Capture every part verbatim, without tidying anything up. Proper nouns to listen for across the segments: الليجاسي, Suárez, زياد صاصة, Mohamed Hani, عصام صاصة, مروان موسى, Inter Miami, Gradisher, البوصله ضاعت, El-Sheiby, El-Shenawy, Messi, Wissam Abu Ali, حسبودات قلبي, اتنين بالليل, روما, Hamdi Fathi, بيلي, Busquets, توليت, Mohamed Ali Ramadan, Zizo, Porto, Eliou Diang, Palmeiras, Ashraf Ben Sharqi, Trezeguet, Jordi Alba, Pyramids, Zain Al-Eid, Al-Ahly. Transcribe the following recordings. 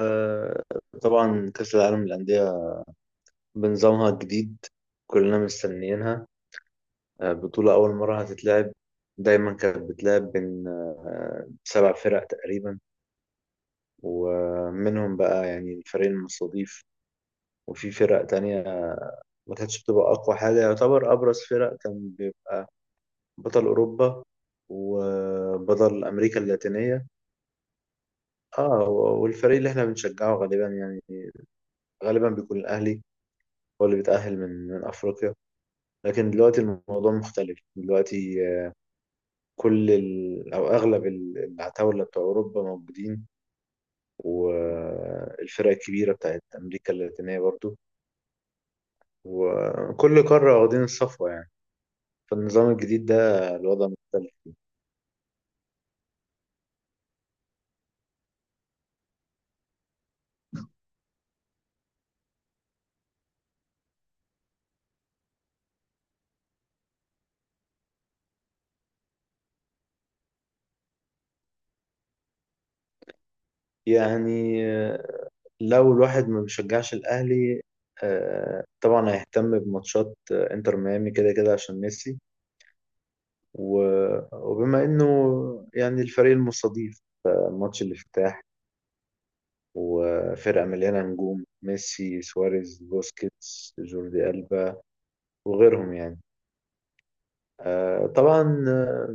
آه، طبعا كأس العالم للأندية بنظامها الجديد، كلنا مستنيينها. آه، بطولة أول مرة هتتلعب. دايما كانت بتلعب بين آه، سبع فرق تقريبا، ومنهم بقى يعني الفريق المستضيف وفي فرق تانية، ما كانتش بتبقى أقوى حاجة. يعتبر أبرز فرق كان بيبقى بطل أوروبا وبطل أمريكا اللاتينية. اه، والفريق اللي احنا بنشجعه غالبا يعني غالبا بيكون الأهلي، هو اللي بيتأهل من من أفريقيا. لكن دلوقتي الموضوع مختلف، دلوقتي آه، كل ال... أو أغلب ال- العتاولة بتوع أوروبا موجودين، والفرق الكبيرة بتاعت أمريكا اللاتينية برضو، وكل قارة واخدين الصفوة يعني. فالنظام الجديد ده الوضع مختلف. يعني آه، لو الواحد ما بيشجعش الأهلي، آه، طبعا هيهتم بماتشات آه، انتر ميامي كده كده عشان ميسي. و- وبما انه يعني الفريق المستضيف، آه، ماتش الافتتاح، وفرقة مليانة نجوم: ميسي، سواريز، بوسكيتس، جوردي ألبا، وغيرهم يعني. آه، طبعا آه،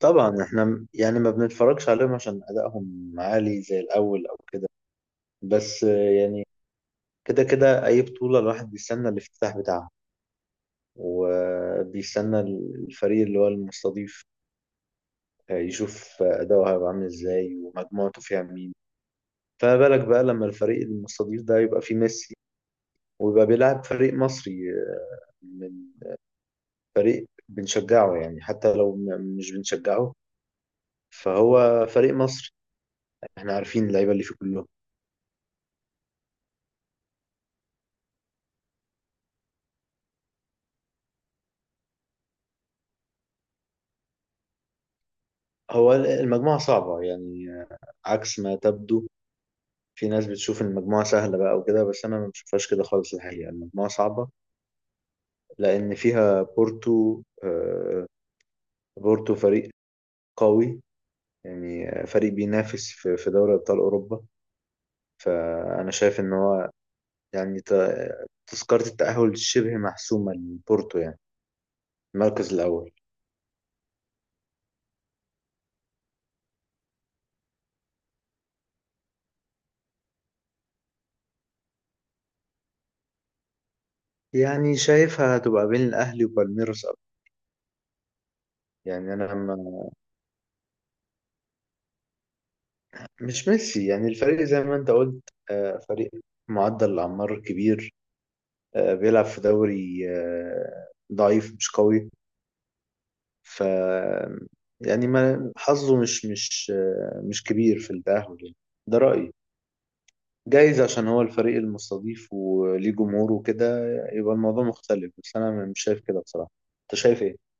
طبعا احنا م- يعني ما بنتفرجش عليهم عشان أدائهم عالي زي الأول أو كده. بس آه، يعني كده كده أي بطولة الواحد بيستنى الافتتاح بتاعها، وبيستنى الفريق اللي هو المستضيف، آه، يشوف أداؤه هيبقى عامل ازاي ومجموعته فيها مين. فما بالك بقى لما الفريق المستضيف ده يبقى فيه ميسي، ويبقى بيلعب فريق مصري آه، من فريق بنشجعه، يعني حتى لو م- مش بنشجعه، فهو فريق مصر، احنا عارفين اللعيبة اللي فيه كلهم. هو المجموعة صعبة يعني عكس ما تبدو. في ناس بتشوف المجموعة سهلة بقى وكده، بس أنا ما بشوفهاش كده خالص. الحقيقة المجموعة صعبة لأن فيها بورتو. آه، بورتو فريق قوي، يعني فريق بينافس في في دوري أبطال أوروبا. فأنا شايف إن هو يعني ت- تذكرة التأهل شبه محسومة لبورتو، يعني المركز الأول. يعني شايفها هتبقى بين الأهلي وبالميروس أوي. يعني أنا ما مش ميسي، يعني الفريق زي ما أنت قلت، آه، فريق معدل الأعمار كبير. آه، بيلعب في دوري آه، ضعيف مش قوي. ف يعني ما حظه مش مش آه، مش كبير في التأهل يعني. ده رأيي. جايز عشان هو الفريق المستضيف وليه جمهور وكده يبقى الموضوع مختلف، بس أنا مش شايف كده بصراحة. أنت شايف إيه؟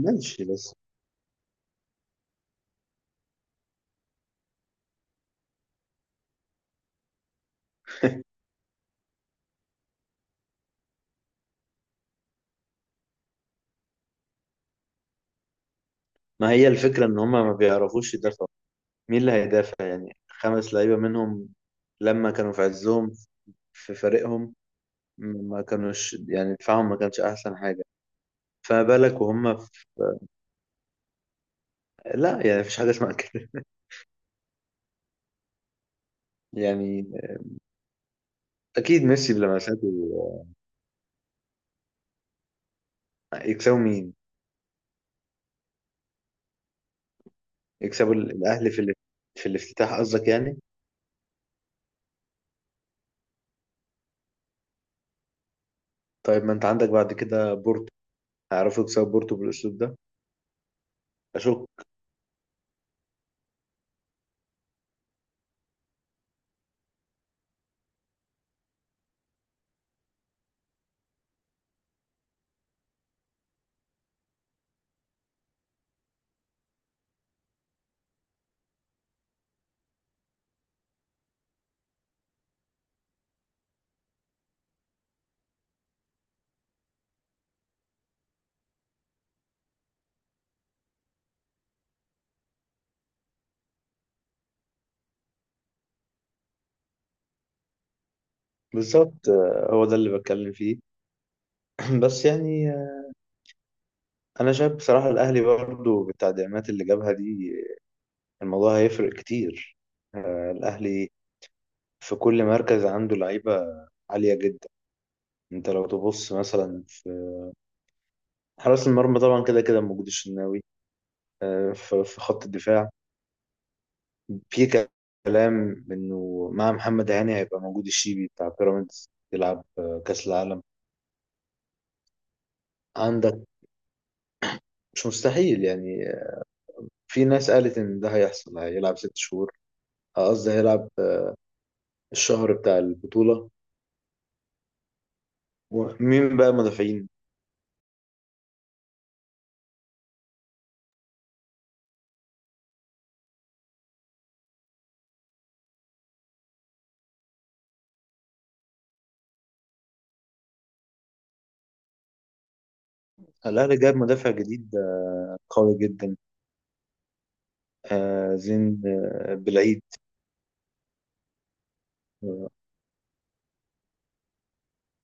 ماشي بس. ما هي الفكرة إن هما ما بيعرفوش يدافعوا. مين اللي هيدافع يعني؟ خمس لعيبة منهم لما كانوا في عزهم في فريقهم، ما كانوش يعني دفاعهم ما كانش أحسن حاجة. فما بالك وهم في... لا يعني مفيش حاجة اسمها كده. يعني أكيد ميسي بلمساته. يكسبوا مين؟ يكسبوا الأهلي في ال- في الافتتاح قصدك يعني؟ طيب ما أنت عندك بعد كده بورتو، هيعرفوا يكسبوا بورتو بالأسلوب ده؟ أشك. بالظبط، آه، هو ده اللي بتكلم فيه. بس يعني آه، أنا شايف بصراحة الأهلي برضه بالتدعيمات اللي جابها دي، الموضوع هيفرق كتير. آه، الأهلي في كل مركز عنده لعيبة عالية جدا. انت لو تبص مثلا في حراس المرمى، طبعا كده كده موجود الشناوي. آه، ف- في خط الدفاع في كلام انه مع محمد هاني هيبقى موجود الشيبي بتاع بيراميدز، يلعب آه، كأس العالم عندك. مش مستحيل يعني. آه، في ناس قالت ان ده هيحصل، هيلعب ست شهور، آه، قصدي هيلعب آه، الشهر بتاع البطولة. ومين بقى المدافعين؟ الأهلي جاب مدافع جديد آه، قوي جدا. آه زين آه بالعيد، آه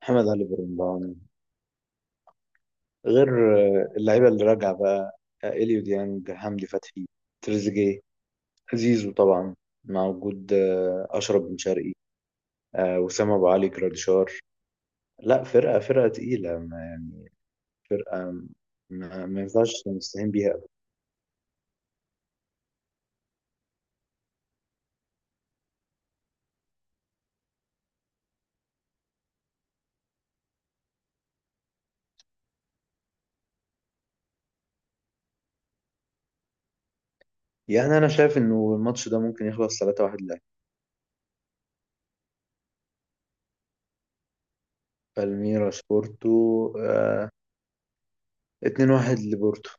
محمد علي برمضان. غير آه اللعيبة اللي راجعة بقى: آه إليو ديانج، حمدي فتحي، تريزيجيه، زيزو طبعا، مع وجود آه أشرف بن شرقي، آه وسام أبو علي، جراديشار. لا، فرقة فرقة تقيلة ما يعني. فرقة ما, ما ينفعش نستهين بيها أبدا. يعني أنا شايف إنه الماتش ده ممكن يخلص ثلاثة واحد لأهلي. بالميراس بورتو، آه اتنين واحد لبورتو.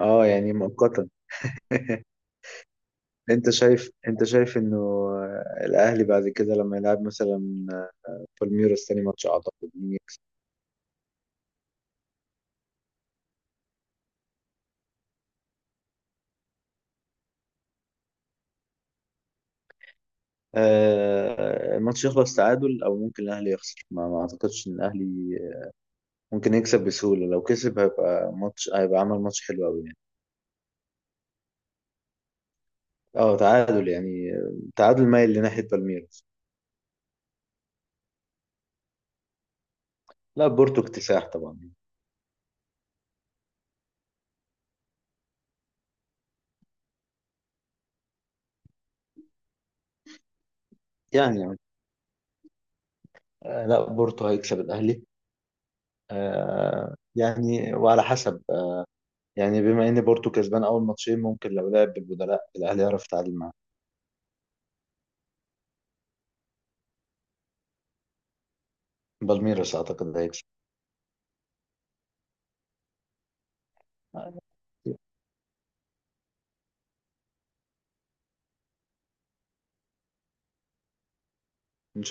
اه يعني مؤقتا. انت شايف انت شايف انه الاهلي بعد كده لما يلعب مثلا بالميراس تاني ماتش، اعتقد مين يكسب؟ آه، الماتش يخلص تعادل او ممكن الاهلي يخسر. ما, ما اعتقدش ان الاهلي ممكن يكسب بسهولة. لو كسب هيبقى ماتش، هيبقى عمل ماتش حلو قوي يعني. اه تعادل، يعني تعادل مايل لناحية بالميراس. لا، بورتو اكتساح طبعا. يعني يعني. آه، لا، بورتو هيكسب الاهلي. آه، يعني وعلى حسب، يعني بما ان بورتو كسبان اول ماتشين ممكن لو لعب بالبدلاء الاهلي يعرف يتعادل معاه. بالميراس اعتقد هيكسب. ان